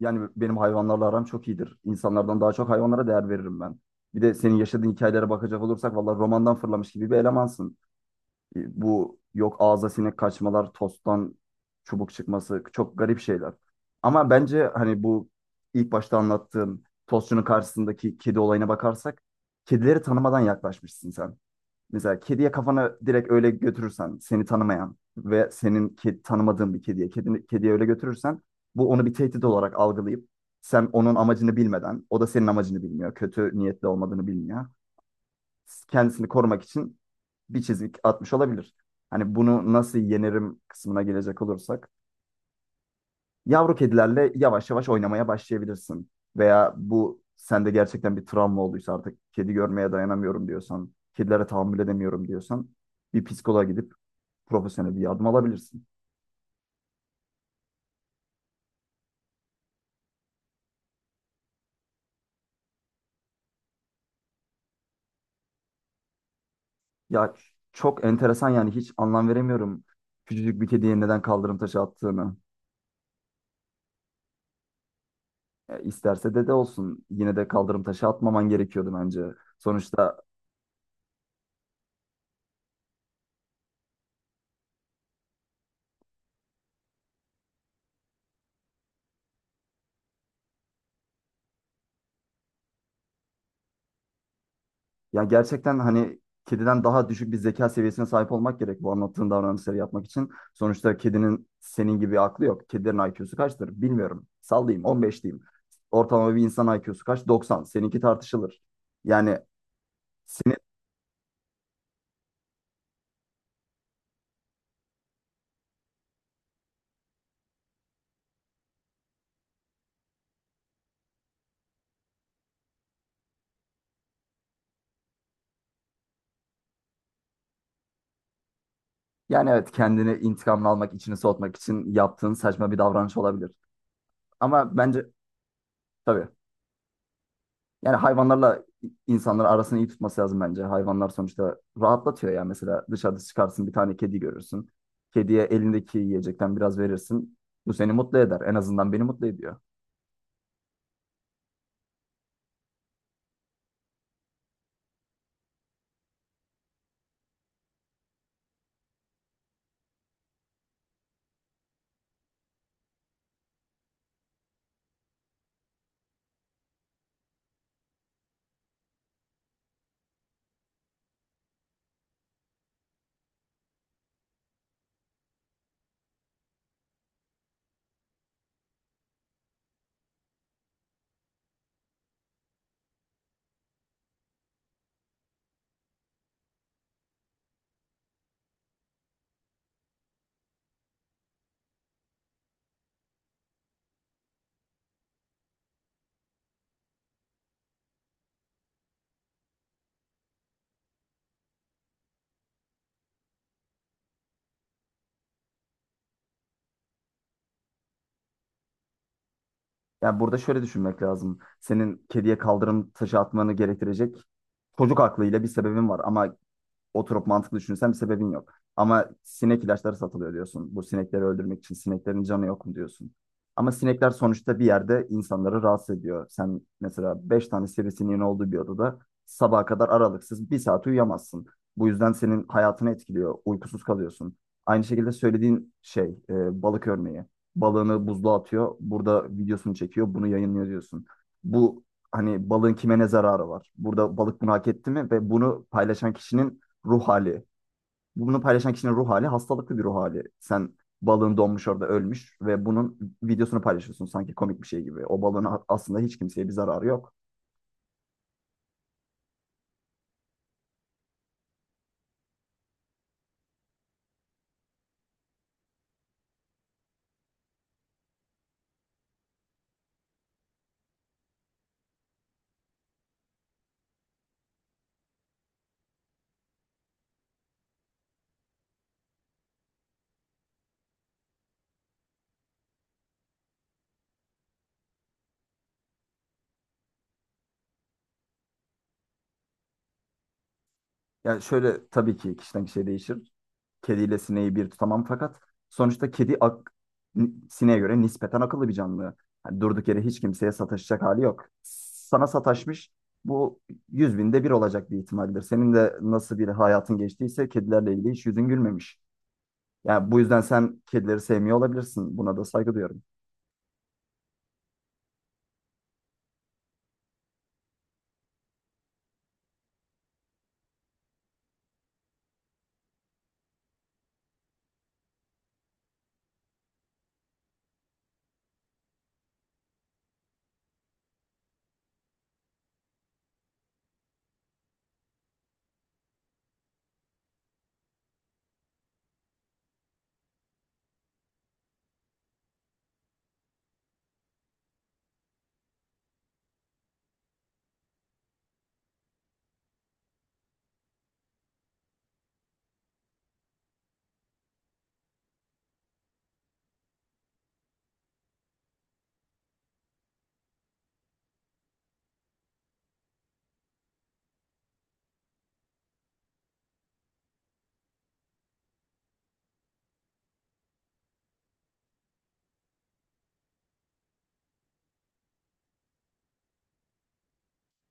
Yani benim hayvanlarla aram çok iyidir. İnsanlardan daha çok hayvanlara değer veririm ben. Bir de senin yaşadığın hikayelere bakacak olursak vallahi romandan fırlamış gibi bir elemansın. Bu yok ağza sinek kaçmalar, tosttan çubuk çıkması çok garip şeyler. Ama bence hani bu ilk başta anlattığım tostçunun karşısındaki kedi olayına bakarsak kedileri tanımadan yaklaşmışsın sen. Mesela kediye kafana direkt öyle götürürsen seni tanımayan ve senin tanımadığın bir kediye öyle götürürsen bu onu bir tehdit olarak algılayıp sen onun amacını bilmeden o da senin amacını bilmiyor. Kötü niyetli olmadığını bilmiyor. Kendisini korumak için bir çizik atmış olabilir. Hani bunu nasıl yenerim kısmına gelecek olursak yavru kedilerle yavaş yavaş oynamaya başlayabilirsin. Veya bu sende gerçekten bir travma olduysa artık kedi görmeye dayanamıyorum diyorsan, kedilere tahammül edemiyorum diyorsan bir psikoloğa gidip profesyonel bir yardım alabilirsin. Ya çok enteresan, yani hiç anlam veremiyorum küçücük bir kediye neden kaldırım taşı attığını. E, isterse dede olsun yine de kaldırım taşı atmaman gerekiyordu bence. Sonuçta Ya gerçekten hani kediden daha düşük bir zeka seviyesine sahip olmak gerek bu anlattığın davranışları yapmak için. Sonuçta kedinin senin gibi aklı yok. Kedilerin IQ'su kaçtır? Bilmiyorum. Sallayayım 15 diyeyim. Ortalama bir insan IQ'su kaç? 90. Seninki tartışılır. Yani seni yani evet, kendini intikamını almak, içini soğutmak için yaptığın saçma bir davranış olabilir. Ama bence tabii Yani hayvanlarla insanlar arasını iyi tutması lazım bence. Hayvanlar sonuçta rahatlatıyor ya. Mesela dışarıda çıkarsın, bir tane kedi görürsün. Kediye elindeki yiyecekten biraz verirsin. Bu seni mutlu eder. En azından beni mutlu ediyor. Yani burada şöyle düşünmek lazım. Senin kediye kaldırım taşı atmanı gerektirecek çocuk aklıyla bir sebebin var. Ama oturup mantıklı düşünsen bir sebebin yok. Ama sinek ilaçları satılıyor diyorsun. Bu sinekleri öldürmek için sineklerin canı yok mu diyorsun. Ama sinekler sonuçta bir yerde insanları rahatsız ediyor. Sen mesela 5 tane sivrisineğin olduğu bir odada sabaha kadar aralıksız bir saat uyuyamazsın. Bu yüzden senin hayatını etkiliyor. Uykusuz kalıyorsun. Aynı şekilde söylediğin şey, balık örneği. Balığını buzluğa atıyor. Burada videosunu çekiyor. Bunu yayınlıyor diyorsun. Bu, hani balığın kime ne zararı var? Burada balık bunu hak etti mi? Ve bunu paylaşan kişinin ruh hali. Bunu paylaşan kişinin ruh hali hastalıklı bir ruh hali. Sen balığın donmuş, orada ölmüş ve bunun videosunu paylaşıyorsun sanki komik bir şey gibi. O balığın aslında hiç kimseye bir zararı yok. Yani şöyle, tabii ki kişiden kişiye değişir. Kediyle sineği bir tutamam fakat sonuçta kedi sineğe göre nispeten akıllı bir canlı. Yani durduk yere hiç kimseye sataşacak hali yok. Sana sataşmış, bu yüz binde bir olacak bir ihtimaldir. Senin de nasıl bir hayatın geçtiyse kedilerle ilgili hiç yüzün gülmemiş. Yani bu yüzden sen kedileri sevmiyor olabilirsin. Buna da saygı duyuyorum.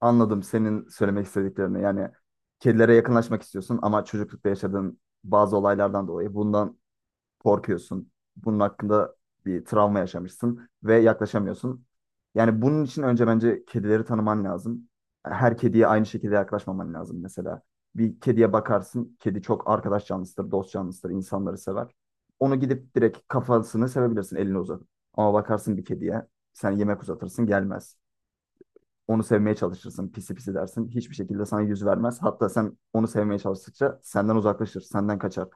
Anladım senin söylemek istediklerini. Yani kedilere yakınlaşmak istiyorsun ama çocuklukta yaşadığın bazı olaylardan dolayı bundan korkuyorsun. Bunun hakkında bir travma yaşamışsın ve yaklaşamıyorsun. Yani bunun için önce bence kedileri tanıman lazım. Her kediye aynı şekilde yaklaşmaman lazım mesela. Bir kediye bakarsın, kedi çok arkadaş canlısıdır, dost canlısıdır, insanları sever. Onu gidip direkt kafasını sevebilirsin elini uzatıp. Ama bakarsın bir kediye, sen yemek uzatırsın gelmez, onu sevmeye çalışırsın. Pisi pisi dersin. Hiçbir şekilde sana yüz vermez. Hatta sen onu sevmeye çalıştıkça senden uzaklaşır, senden kaçar.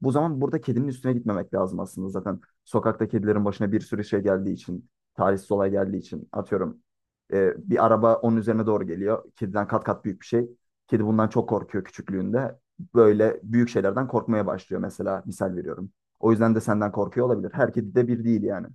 Bu zaman burada kedinin üstüne gitmemek lazım aslında zaten. Sokakta kedilerin başına bir sürü şey geldiği için, talihsiz olay geldiği için atıyorum. Bir araba onun üzerine doğru geliyor. Kediden kat kat büyük bir şey. Kedi bundan çok korkuyor küçüklüğünde. Böyle büyük şeylerden korkmaya başlıyor mesela, misal veriyorum. O yüzden de senden korkuyor olabilir. Her kedi de bir değil yani.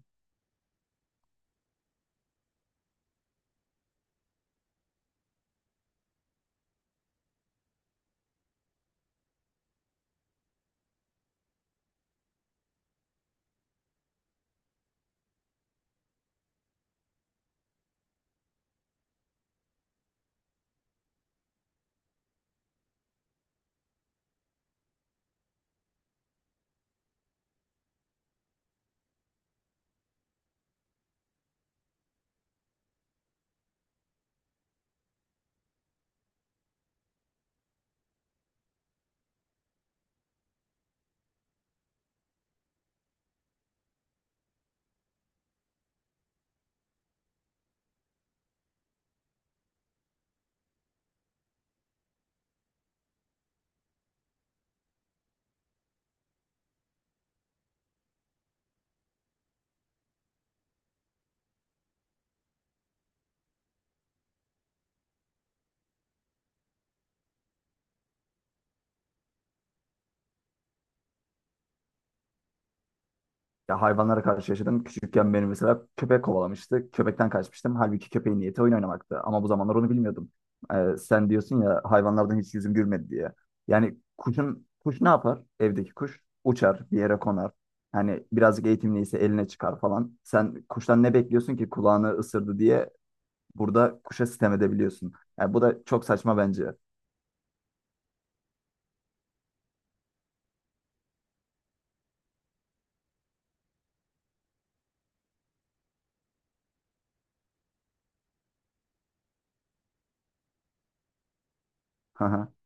Ya hayvanlara karşı yaşadım. Küçükken beni mesela köpek kovalamıştı. Köpekten kaçmıştım. Halbuki köpeğin niyeti oyun oynamaktı. Ama bu zamanlar onu bilmiyordum. Sen diyorsun ya hayvanlardan hiç yüzüm gülmedi diye. Yani kuşun, kuş ne yapar? Evdeki kuş uçar, bir yere konar. Hani birazcık eğitimliyse eline çıkar falan. Sen kuştan ne bekliyorsun ki kulağını ısırdı diye burada kuşa sitem edebiliyorsun. Yani bu da çok saçma bence.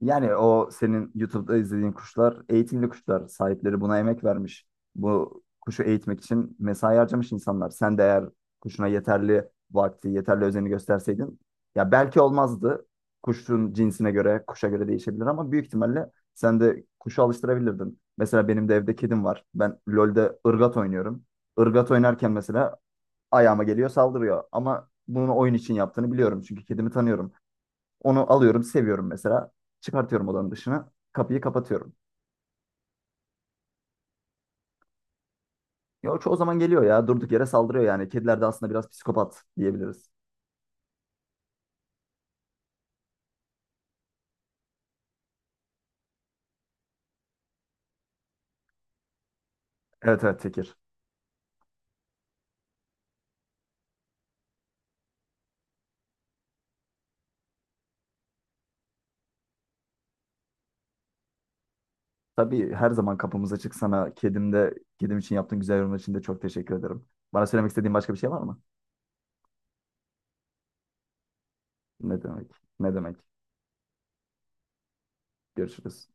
Yani o senin YouTube'da izlediğin kuşlar eğitimli kuşlar. Sahipleri buna emek vermiş. Bu kuşu eğitmek için mesai harcamış insanlar. Sen de eğer kuşuna yeterli vakti, yeterli özeni gösterseydin ya belki olmazdı. Kuşun cinsine göre, kuşa göre değişebilir ama büyük ihtimalle sen de kuşu alıştırabilirdin. Mesela benim de evde kedim var. Ben LoL'de ırgat oynuyorum. Irgat oynarken mesela ayağıma geliyor, saldırıyor. Ama bunu oyun için yaptığını biliyorum çünkü kedimi tanıyorum. Onu alıyorum, seviyorum mesela. Çıkartıyorum odanın dışına. Kapıyı kapatıyorum. Ya o çoğu zaman geliyor ya. Durduk yere saldırıyor yani. Kediler de aslında biraz psikopat diyebiliriz. Evet, evet, Tekir. Tabii her zaman kapımız açık sana. Kedim de, kedim için yaptığın güzel yorumlar için de çok teşekkür ederim. Bana söylemek istediğin başka bir şey var mı? Ne demek? Ne demek? Görüşürüz.